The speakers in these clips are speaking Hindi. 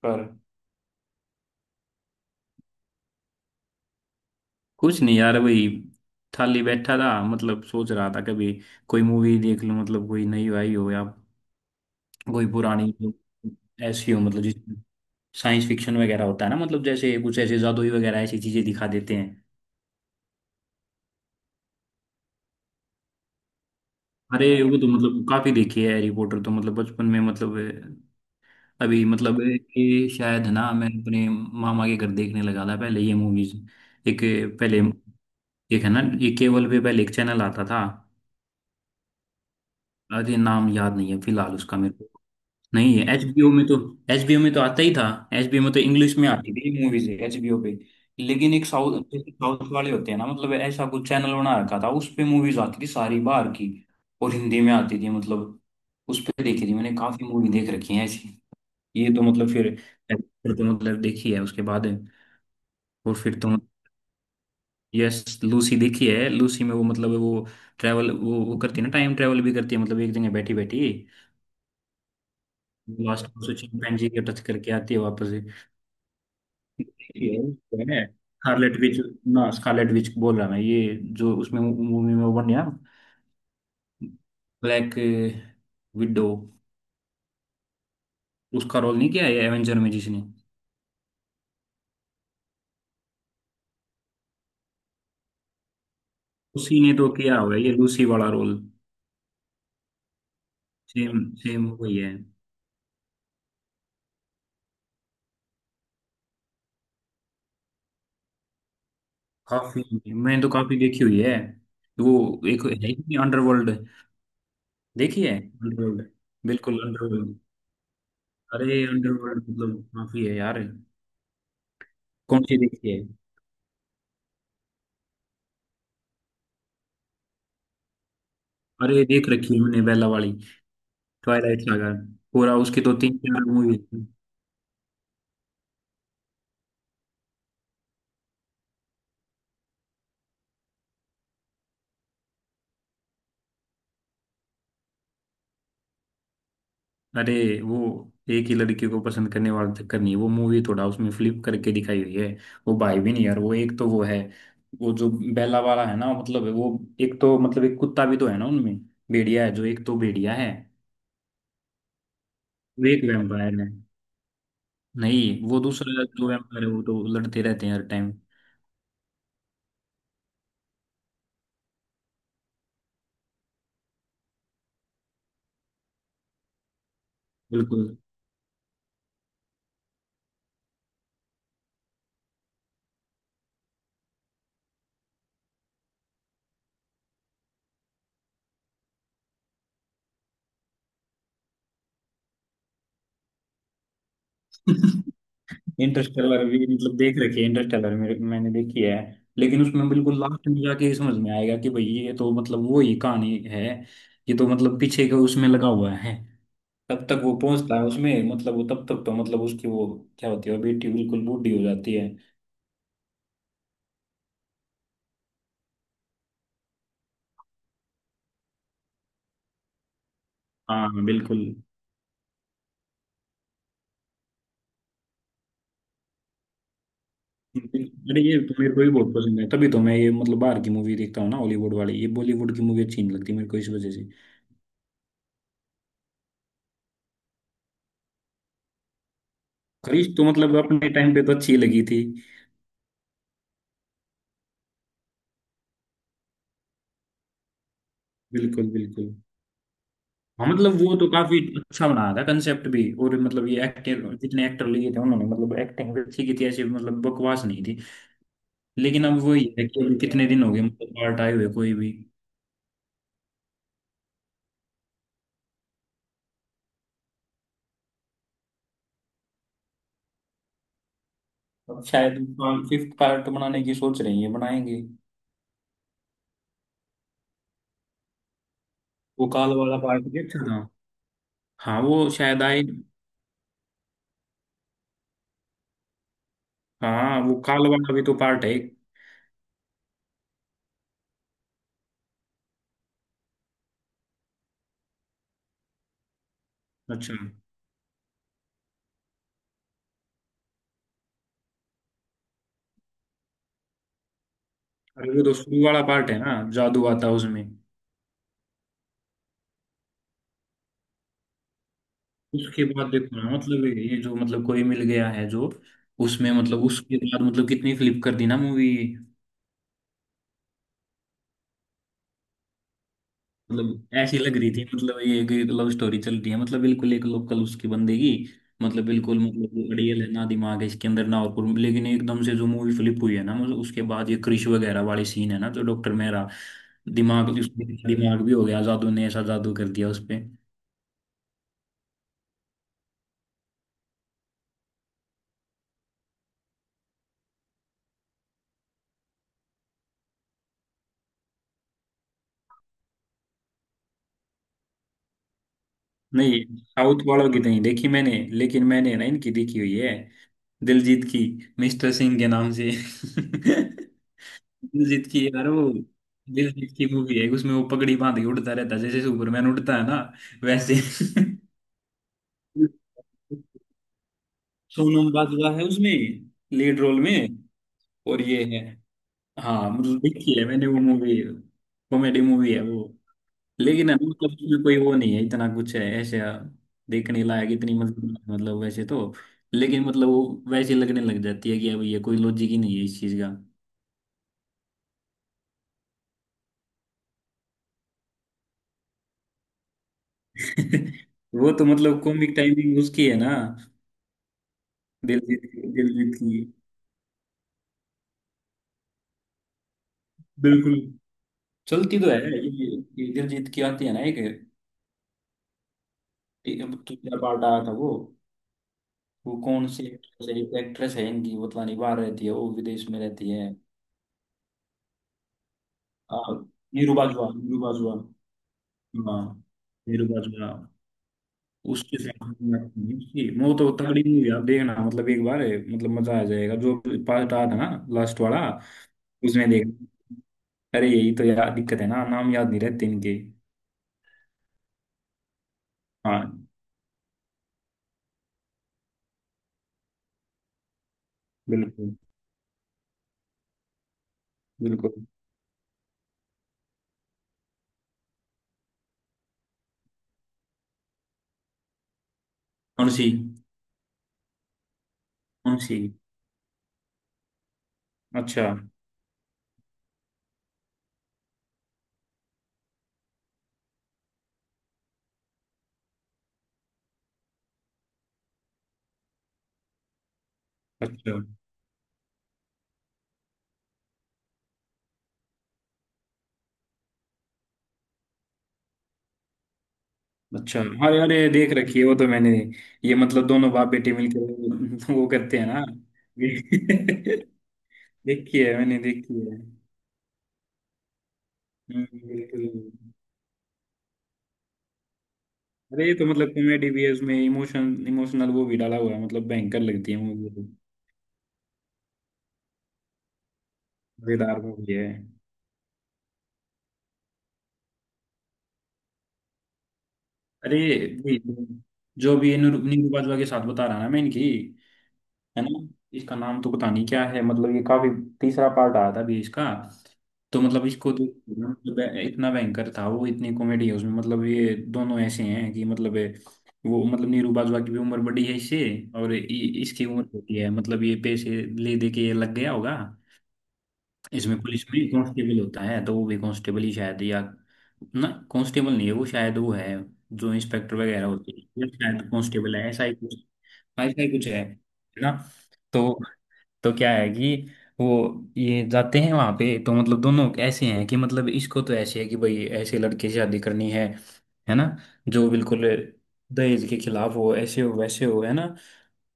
पर कुछ नहीं यार। वही खाली बैठा था, मतलब सोच रहा था कभी कोई मूवी देख लूं, मतलब कोई नई आई हो या कोई पुरानी जो ऐसी हो, मतलब जिसमें साइंस फिक्शन वगैरह होता है ना, मतलब जैसे कुछ ऐसे जादुई वगैरह ऐसी चीजें दिखा देते हैं। अरे वो तो मतलब काफी देखी है हैरी पॉटर तो, मतलब बचपन में मतलब अभी मतलब ये शायद ना, मैं अपने मामा के घर देखने लगा था पहले ये मूवीज। एक पहले एक है ना, ये केवल पे पहले एक चैनल आता था। अरे नाम याद नहीं है फिलहाल उसका मेरे को। नहीं, एचबीओ में तो, एचबीओ में तो आता ही था। एचबीओ में तो इंग्लिश में हाँ आती थी मूवीज एचबीओ पे। लेकिन एक साउथ, जैसे साउथ वाले होते हैं ना, मतलब ऐसा कुछ चैनल बना रखा था उस पे, मूवीज आती थी सारी बाहर की और हिंदी में आती थी मतलब। उस पे देखी थी मैंने, काफी मूवी देख रखी है ऐसी। ये तो मतलब फिर तो मतलब देखी है उसके बाद। और फिर तो यस, लूसी देखी है। लूसी में वो मतलब वो ट्रैवल, वो करती है ना, टाइम ट्रैवल भी करती है मतलब, एक जगह बैठी बैठी। लास्ट में उसे चिंपैंजी के टच करके आती है वापस ये, है ना। स्कारलेट विच, ना स्कारलेट विच बोल रहा मैं, ये जो उसमें मूवी में वो बन गया, ब्लैक विडो। उसका रोल नहीं किया है एवेंजर में जिसने, उसी ने तो किया हुआ है ये लूसी वाला रोल। सेम सेम वही है। काफी मैंने तो काफी देखी हुई है वो। एक है ही अंडरवर्ल्ड, देखी है अंडरवर्ल्ड। बिल्कुल अंडरवर्ल्ड। अरे अंडरवर्ल्ड मतलब काफी है यार। कौन सी देखी है? अरे देख रखी है मैंने बेला वाली, ट्वाइलाइट सागा। पूरा उसकी तो तीन चार मूवी। अरे वो एक ही लड़की को पसंद करने वाला चक्कर नहीं, वो मूवी थोड़ा उसमें फ्लिप करके दिखाई हुई है। वो भाई भी नहीं यार, वो एक तो वो है, वो जो बेला वाला है ना मतलब वो। एक तो मतलब एक कुत्ता भी तो है ना उनमें, भेड़िया है। जो एक तो भेड़िया है, वो एक वैम्पायर है। नहीं, वो दूसरा जो वैम्पायर है वो तो लड़ते रहते हैं हर टाइम। बिल्कुल। इंटरस्टेलर भी मतलब देख रखी है, इंटरस्टेलर मेरे, मैंने देखी है। लेकिन उसमें बिल्कुल लास्ट में जाके ये समझ में आएगा कि भाई ये तो मतलब वो ही कहानी है, ये तो मतलब पीछे का उसमें लगा हुआ है। तब तक वो पहुंचता है उसमें, मतलब वो तब तक तो मतलब उसकी वो क्या होती है, वो बेटी बिल्कुल बूढ़ी हो जाती है। हाँ बिल्कुल। अरे ये तो मेरे को भी बहुत पसंद है, तभी तो मैं ये मतलब बाहर की मूवी देखता हूँ ना, हॉलीवुड वाली। ये बॉलीवुड की मूवी अच्छी नहीं लगती मेरे को इस वजह से। खरीश तो मतलब अपने टाइम पे तो अच्छी लगी थी। बिल्कुल बिल्कुल। हाँ मतलब वो तो काफी अच्छा बनाया था कंसेप्ट भी, और मतलब ये एक्टर, जितने एक्टर लिए थे उन्होंने, मतलब एक्टिंग भी अच्छी की थी ऐसी, मतलब बकवास नहीं थी। लेकिन अब वही है कि अभी कितने दिन हो गए मतलब पार्ट आए हुए कोई भी। अब शायद फिफ्थ पार्ट बनाने की सोच रही है, बनाएंगे। वो काल वाला पार्ट ये अच्छा था। हाँ वो शायद आए। हाँ वो काल वाला भी तो पार्ट है एक। अच्छा। अरे वो तो शुरू वाला पार्ट है ना, जादू आता है उसमें। उसके बाद देखो ना, मतलब ये जो मतलब कोई मिल गया है जो, उसमें मतलब उसके बाद मतलब कितनी फ्लिप कर दी ना मूवी। मतलब ऐसी लग रही थी मतलब ये एक लव स्टोरी चल रही है, मतलब बिल्कुल एक लोकल उसकी बंदेगी, मतलब बिल्कुल मतलब अड़ियल है ना, दिमाग है इसके अंदर ना और कुछ। लेकिन एकदम से जो मूवी फ्लिप हुई है ना, मतलब उसके बाद ये क्रिश वगैरह वाली सीन है ना, तो डॉक्टर मेहरा। दिमाग उसके, दिमाग भी हो गया, जादू ने ऐसा जादू कर दिया उस पे। नहीं साउथ वालों की तो नहीं देखी मैंने, लेकिन मैंने ना इनकी देखी हुई है, दिलजीत की, मिस्टर सिंह के नाम से। दिलजीत की यार वो, दिलजीत की मूवी है। उसमें वो पगड़ी बांध के उड़ता रहता है, जैसे सुपरमैन उड़ता है ना वैसे। सोनम बाजवा है उसमें लीड रोल में, और ये है। हाँ मतलब देखी है मैंने वो मूवी, कॉमेडी मूवी है वो। लेकिन है ना, मतलब उसमें कोई वो नहीं है, इतना कुछ है ऐसे देखने लायक इतनी, मतलब मतलब वैसे तो। लेकिन मतलब वो वैसे लगने लग जाती है कि अब ये कोई लॉजिक ही नहीं है इस चीज का। वो तो मतलब कॉमिक टाइमिंग उसकी है ना। दिलजीत दिलजीत की, बिल्कुल। चलती तो है ये ये दिलजीत की आती है ना एक। अब तो क्या पार्ट आया था वो कौन सी एक्ट्रेस है। एक एक्ट्रेस है इनकी, वो तो पता नहीं बाहर रहती है, वो विदेश में रहती है। आ, नीरू बाजवा, नीरू बाजवा। हाँ नीरू बाजवा। उसके साथ में उसकी वो तो तगड़ी मूवी, आप देखना मतलब एक बार, है मतलब मजा आ जाएगा। जो पार्ट आया था ना लास्ट वाला, उसमें देख। अरे यही तो यार दिक्कत है ना, नाम याद नहीं रहते इनके। हाँ बिल्कुल। बिल्कुल। मुंशी। मुंशी। अच्छा। अच्छा अच्छा। अरे अरे देख रखी है वो तो मैंने। ये मतलब दोनों बाप बेटे मिलकर वो करते हैं ना। देखी है, मैंने देखी है। बिल्कुल। अरे ये तो मतलब कॉमेडी भी है, उसमें इमोशन, इमोशनल वो भी डाला हुआ है, मतलब भयंकर लगती है मूवी तो, मजेदार मूवी है। अरे ये, जो भी ये निरूपा दुआ के साथ बता रहा ना मैं इनकी, है ना। इसका नाम तो पता नहीं क्या है, मतलब ये काफी, तीसरा पार्ट आया था अभी इसका। तो मतलब इसको तो, मतलब इतना भयंकर था वो, इतनी कॉमेडी है उसमें, मतलब ये दोनों ऐसे हैं कि मतलब ये, वो मतलब नीरू बाजवा की भी उम्र बड़ी है इससे, और इसकी उम्र होती है मतलब, ये पैसे ले दे के ये लग गया होगा। इसमें पुलिस में कांस्टेबल होता है, तो वो भी कांस्टेबल ही शायद, या ना कांस्टेबल नहीं है वो, शायद वो है जो इंस्पेक्टर वगैरह होते हैं। ये शायद कांस्टेबल है, ऐसा ही कुछ। ऐसा ही कुछ है ना। तो तो क्या है कि वो, ये जाते हैं वहां पे तो मतलब दोनों ऐसे हैं कि मतलब इसको तो ऐसे है कि भाई ऐसे लड़के से शादी करनी है ना, जो बिल्कुल दहेज के खिलाफ हो, ऐसे हो वैसे हो, है ना।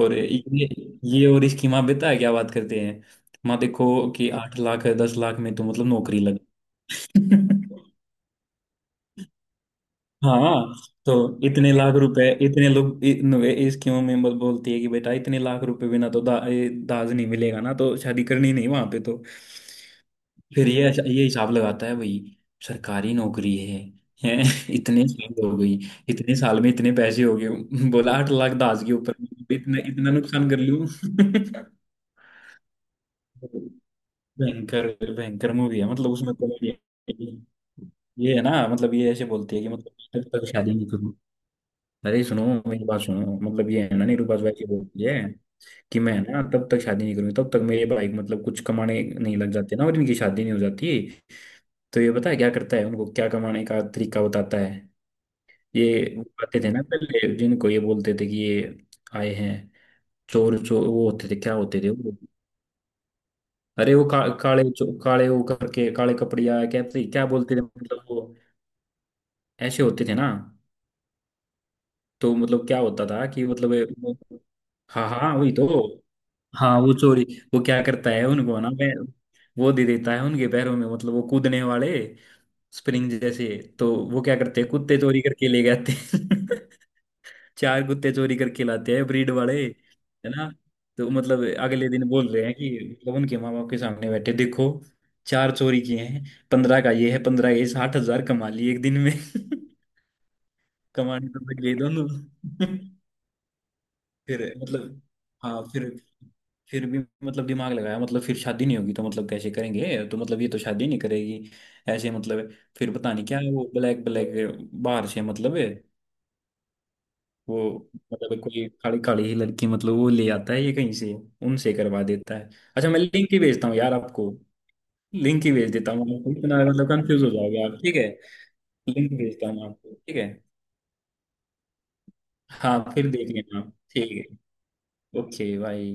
और ये और इसकी माँ, बेटा है क्या बात करते हैं, माँ देखो कि 8 लाख 10 लाख में तो मतलब नौकरी लग। हाँ तो इतने लाख रुपए इतने लोग, इस क्यों में बोलती है कि बेटा इतने लाख रुपए बिना तो ये दाज नहीं मिलेगा ना, तो शादी करनी नहीं वहां पे तो। फिर ये अच्छा, ये हिसाब लगाता है भाई, सरकारी नौकरी है, हैं? इतने साल हो गई, इतने साल में इतने पैसे हो गए, बोला 8 लाख दाज के ऊपर इतना इतना नुकसान कर लूं। भयंकर, भयंकर मूवी है मतलब उसमें कॉमेडी। ये है ना, मतलब ये ऐसे बोलती है कि मतलब तब तक शादी नहीं करूँ। अरे सुनो, मेरी बात सुनो, मतलब ये है ना निरूपा, वैसे बोलती है कि मैं ना तब तक शादी नहीं करूंगी, तब तक मेरे भाई मतलब कुछ कमाने नहीं लग जाते ना, और इनकी शादी नहीं हो जाती। तो ये पता है क्या करता है, उनको क्या कमाने का तरीका बताता है। ये वो आते थे ना पहले, जिनको ये बोलते थे कि ये आए हैं, चोर चोर, वो होते थे क्या, होते थे वो। अरे वो काले काले वो करके काले कपड़िया, क्या क्या बोलते थे मतलब वो ऐसे होते थे ना। तो मतलब क्या होता था कि मतलब ये, हाँ हाँ वही तो, हाँ वो चोरी। वो क्या करता है उनको ना मैं, वो दे देता है उनके पैरों में, मतलब वो कूदने वाले स्प्रिंग जैसे। तो वो क्या करते हैं, कुत्ते चोरी करके ले जाते हैं। चार कुत्ते चोरी करके लाते हैं, ब्रीड वाले, है ना। तो मतलब अगले दिन बोल रहे हैं कि मतलब उनके माँ बाप के सामने बैठे देखो, चार चोरी किए हैं, 15 का ये है, 15, ये 60 हजार कमा लिए एक दिन में। कमाने तो लग गए दोनों। फिर मतलब हाँ फिर भी मतलब दिमाग लगाया, मतलब फिर शादी नहीं होगी तो मतलब कैसे करेंगे, तो मतलब ये तो शादी नहीं करेगी ऐसे मतलब। फिर पता नहीं क्या है वो, ब्लैक ब्लैक बाहर से मतलब है वो, मतलब कोई काली काली ही लड़की मतलब वो ले आता है ये कहीं से, उनसे करवा देता है। अच्छा मैं लिंक ही भेजता हूँ यार आपको, लिंक ही भेज देता हूँ आपको, इतना मतलब कंफ्यूज हो जाओगे आप, ठीक है। लिंक भेजता हूँ आपको, ठीक है। हाँ फिर देख लेना आप, ठीक है। Okay bye.